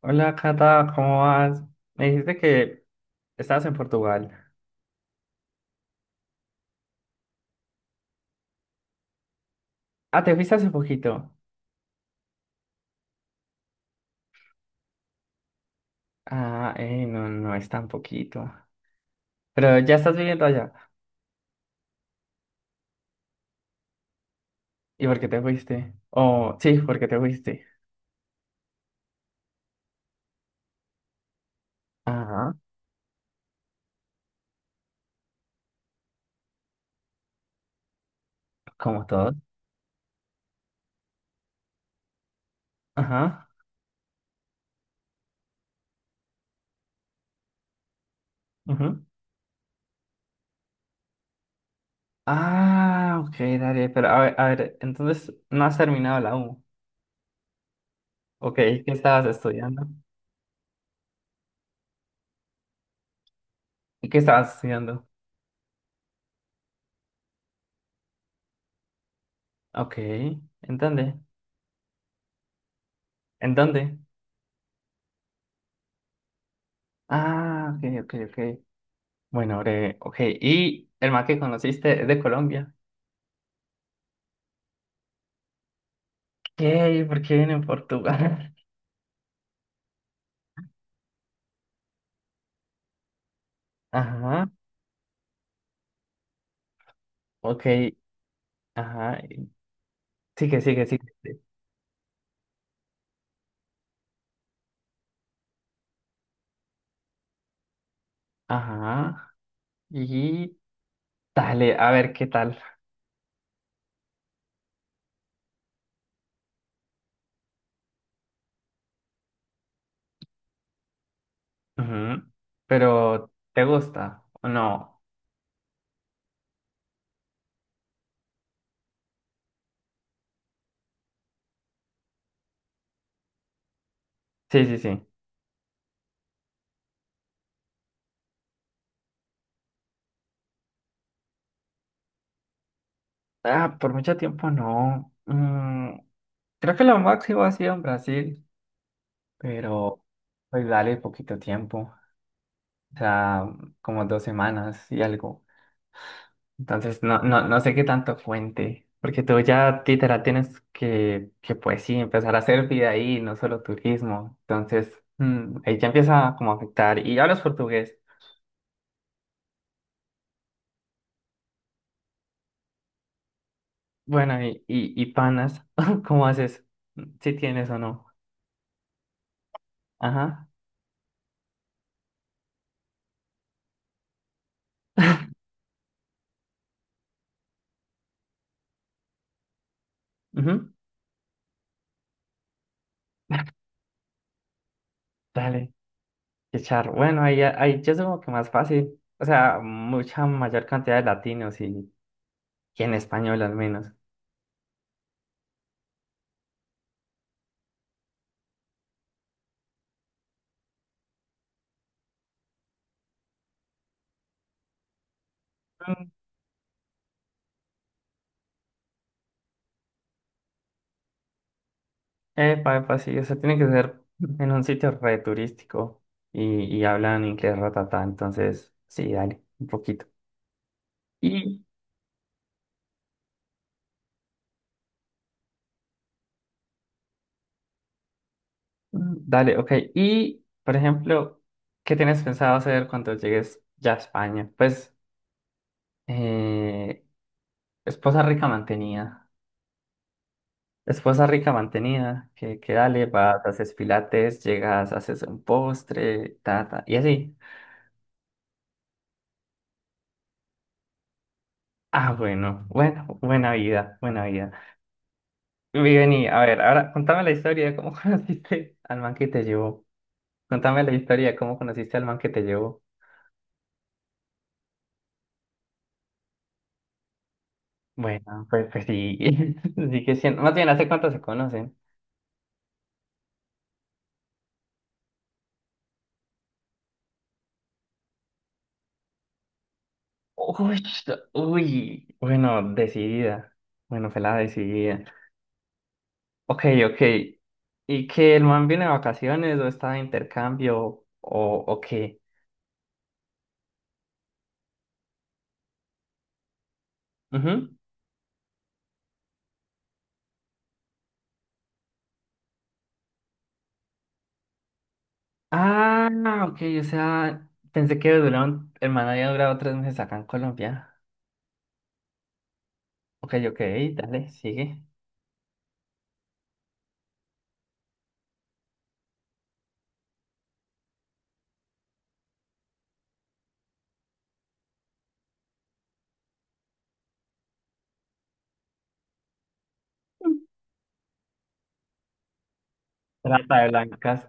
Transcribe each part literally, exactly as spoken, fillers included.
Hola, Cata, ¿cómo vas? Me dijiste que estabas en Portugal. Ah, te fuiste hace poquito. Ah, eh, no, no es tan poquito. Pero ya estás viviendo allá. ¿Y por qué te fuiste? Oh, sí, ¿por qué te fuiste? Ajá, como todos. Ajá, ujú. Ah, ok, dale, pero a ver, a ver, entonces no has terminado la U. Ok, ¿qué estabas estudiando? ¿Y qué estabas estudiando? Ok, ¿en dónde? ¿En dónde? Ah, ok, ok, ok. Bueno, breve, ok. ¿Y el man que conociste es de Colombia? ¿Qué? ¿Por qué viene en Portugal? Ajá, ok, ajá. Sigue, sigue, sigue, sigue. Ajá. Y dale, a ver qué tal. Ujú. Pero, ¿te gusta o no? Sí, sí, sí. Ah, por mucho tiempo no. Mm, creo que lo máximo ha sido en Brasil, pero pues dale poquito tiempo. O sea, como dos semanas y algo. Entonces, no, no, no sé qué tanto cuente, porque tú ya literal tienes que, que pues sí, empezar a hacer vida ahí, no solo turismo. Entonces, mm, ahí ya empieza como a afectar. Y hablas portugués. Bueno, y, y, y panas, ¿cómo haces? Si tienes o no. Ajá, ujú. Dale, qué charro. Bueno, ahí, ya- ahí ya es como que más fácil. O sea, mucha mayor cantidad de latinos y, y en español al menos. Epa, epa, sí, o sea, tiene que ser en un sitio re turístico y, y hablan inglés ratatá, entonces sí, dale, un poquito. Y mm, dale, ok. Y, por ejemplo, ¿qué tienes pensado hacer cuando llegues ya a España? Pues, eh, esposa rica mantenida. Esposa rica mantenida, que, que dale, vas, haces pilates, llegas, haces un postre, ta, ta, y así. Ah, bueno, bueno, buena vida, buena vida. Vi, vení, a ver, ahora contame la historia de cómo conociste al man que te llevó. Contame la historia de cómo conociste al man que te llevó. Bueno, pues, pues sí, sí que siendo. Más bien, ¿hace cuánto se conocen? Uy, uy, bueno, decidida. Bueno, la decidida. Ok, ok. ¿Y que el man viene de vacaciones o está de intercambio o, o qué? Ujú. Ah, ok, o sea, pensé que duraron, el man había durado tres meses acá en Colombia. Ok, ok, dale, sigue. Trata de blancas.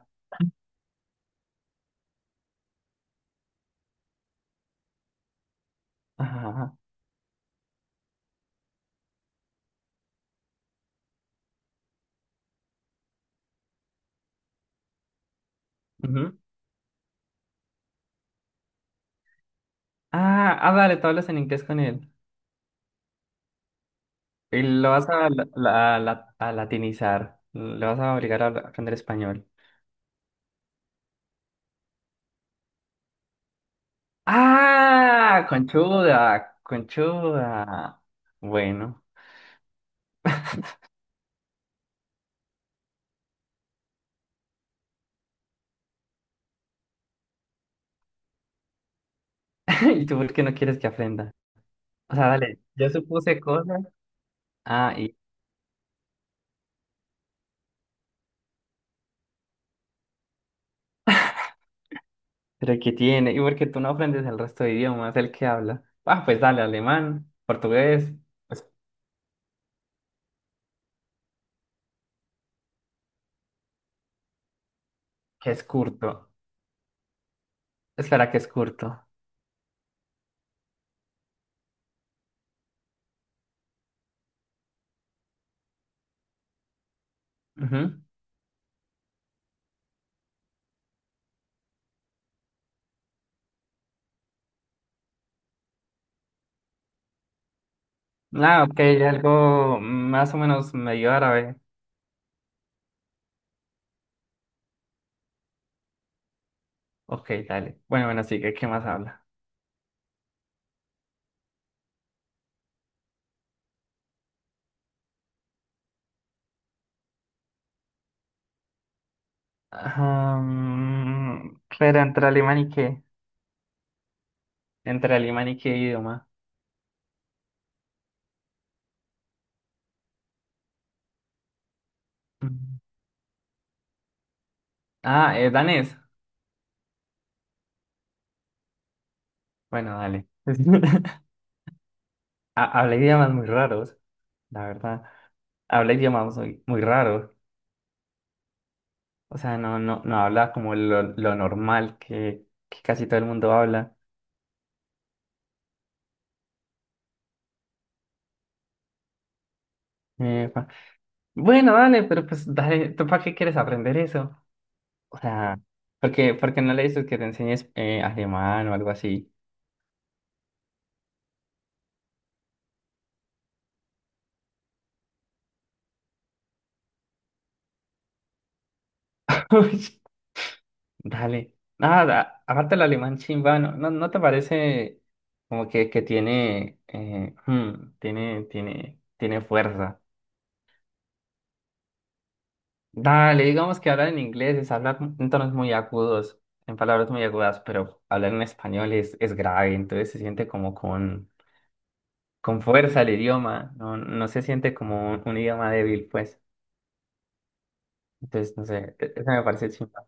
Ajá. Ujú. Ah, ah, dale, tú hablas en inglés con él. Y lo vas a, la- la- la- a latinizar. Le vas a obligar a hablar- aprender español. ¡Ah! Conchuda, conchuda. Bueno. ¿Y tú por qué no quieres que aprenda? O sea, dale, yo supuse cosas. Ah, y pero ¿qué tiene? ¿Y por qué tú no aprendes el resto de idiomas? El que habla. Ah, pues dale, alemán, portugués. Pues, que es curto. Espera, que es curto. Ujú. Ah, ok, algo más o menos medio árabe. Ok, dale. Bueno, bueno, sí, ¿qué, qué más habla? Ah, mm, pero entre alemán y qué. Entre alemán y qué idioma. Mm. Ah, eh, danés. Bueno, dale. Ha- Habla idiomas muy raros, la verdad. Habla idiomas muy, muy raros. O sea, no, no, no habla como lo, lo normal que, que casi todo el mundo habla. Eh, pa- bueno, dale, pero pues dale, ¿tú para qué quieres aprender eso? O sea, porque, porque no le dices que te enseñes eh, alemán o algo así. Uy, dale. Nada, aparte el alemán chimba, ¿no, no, no te parece como que, que tiene, eh, hmm, tiene, tiene, tiene fuerza? Dale, digamos que hablar en inglés es hablar en tonos muy agudos, en palabras muy agudas, pero hablar en español es, es grave, entonces se siente como con, con fuerza el idioma, no, no se siente como un, un idioma débil, pues. Entonces, no sé, e- eso me parece chimba.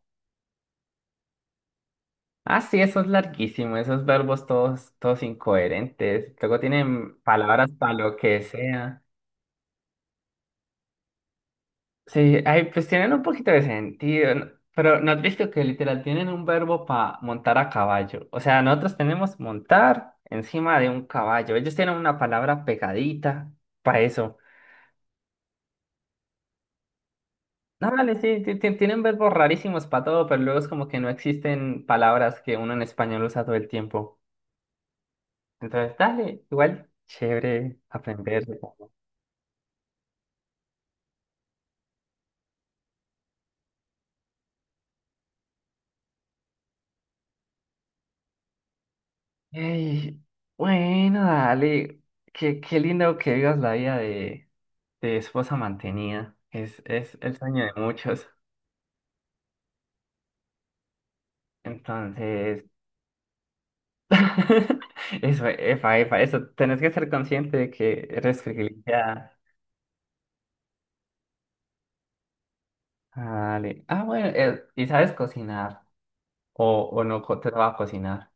Ah, sí, eso es larguísimo, esos verbos todos, todos incoherentes. Luego tienen palabras para lo que sea. Sí, ay, pues tienen un poquito de sentido, ¿no? Pero ¿no has visto que literal tienen un verbo para montar a caballo? O sea, nosotros tenemos montar encima de un caballo. Ellos tienen una palabra pegadita para eso. No, vale, sí, ti- ti- tienen verbos rarísimos para todo, pero luego es como que no existen palabras que uno en español usa todo el tiempo. Entonces, dale, igual, chévere aprender. Ey, bueno, dale. Qué, qué lindo que vivas la vida de, de esposa mantenida. Es, es el sueño de muchos. Entonces, eso, efa, efa, eso. Tenés que ser consciente de que eres privilegiada. Dale. Ah, bueno, eh, y sabes cocinar. O, o no co- te va a cocinar.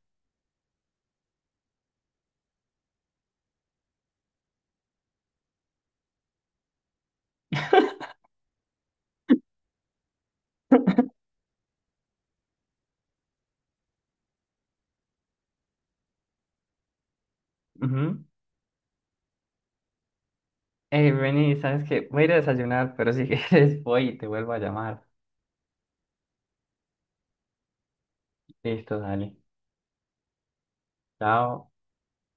Ujú. Ey, vení, sabes que voy a ir a desayunar, pero si quieres voy y te vuelvo a llamar. Listo, dale. Chao.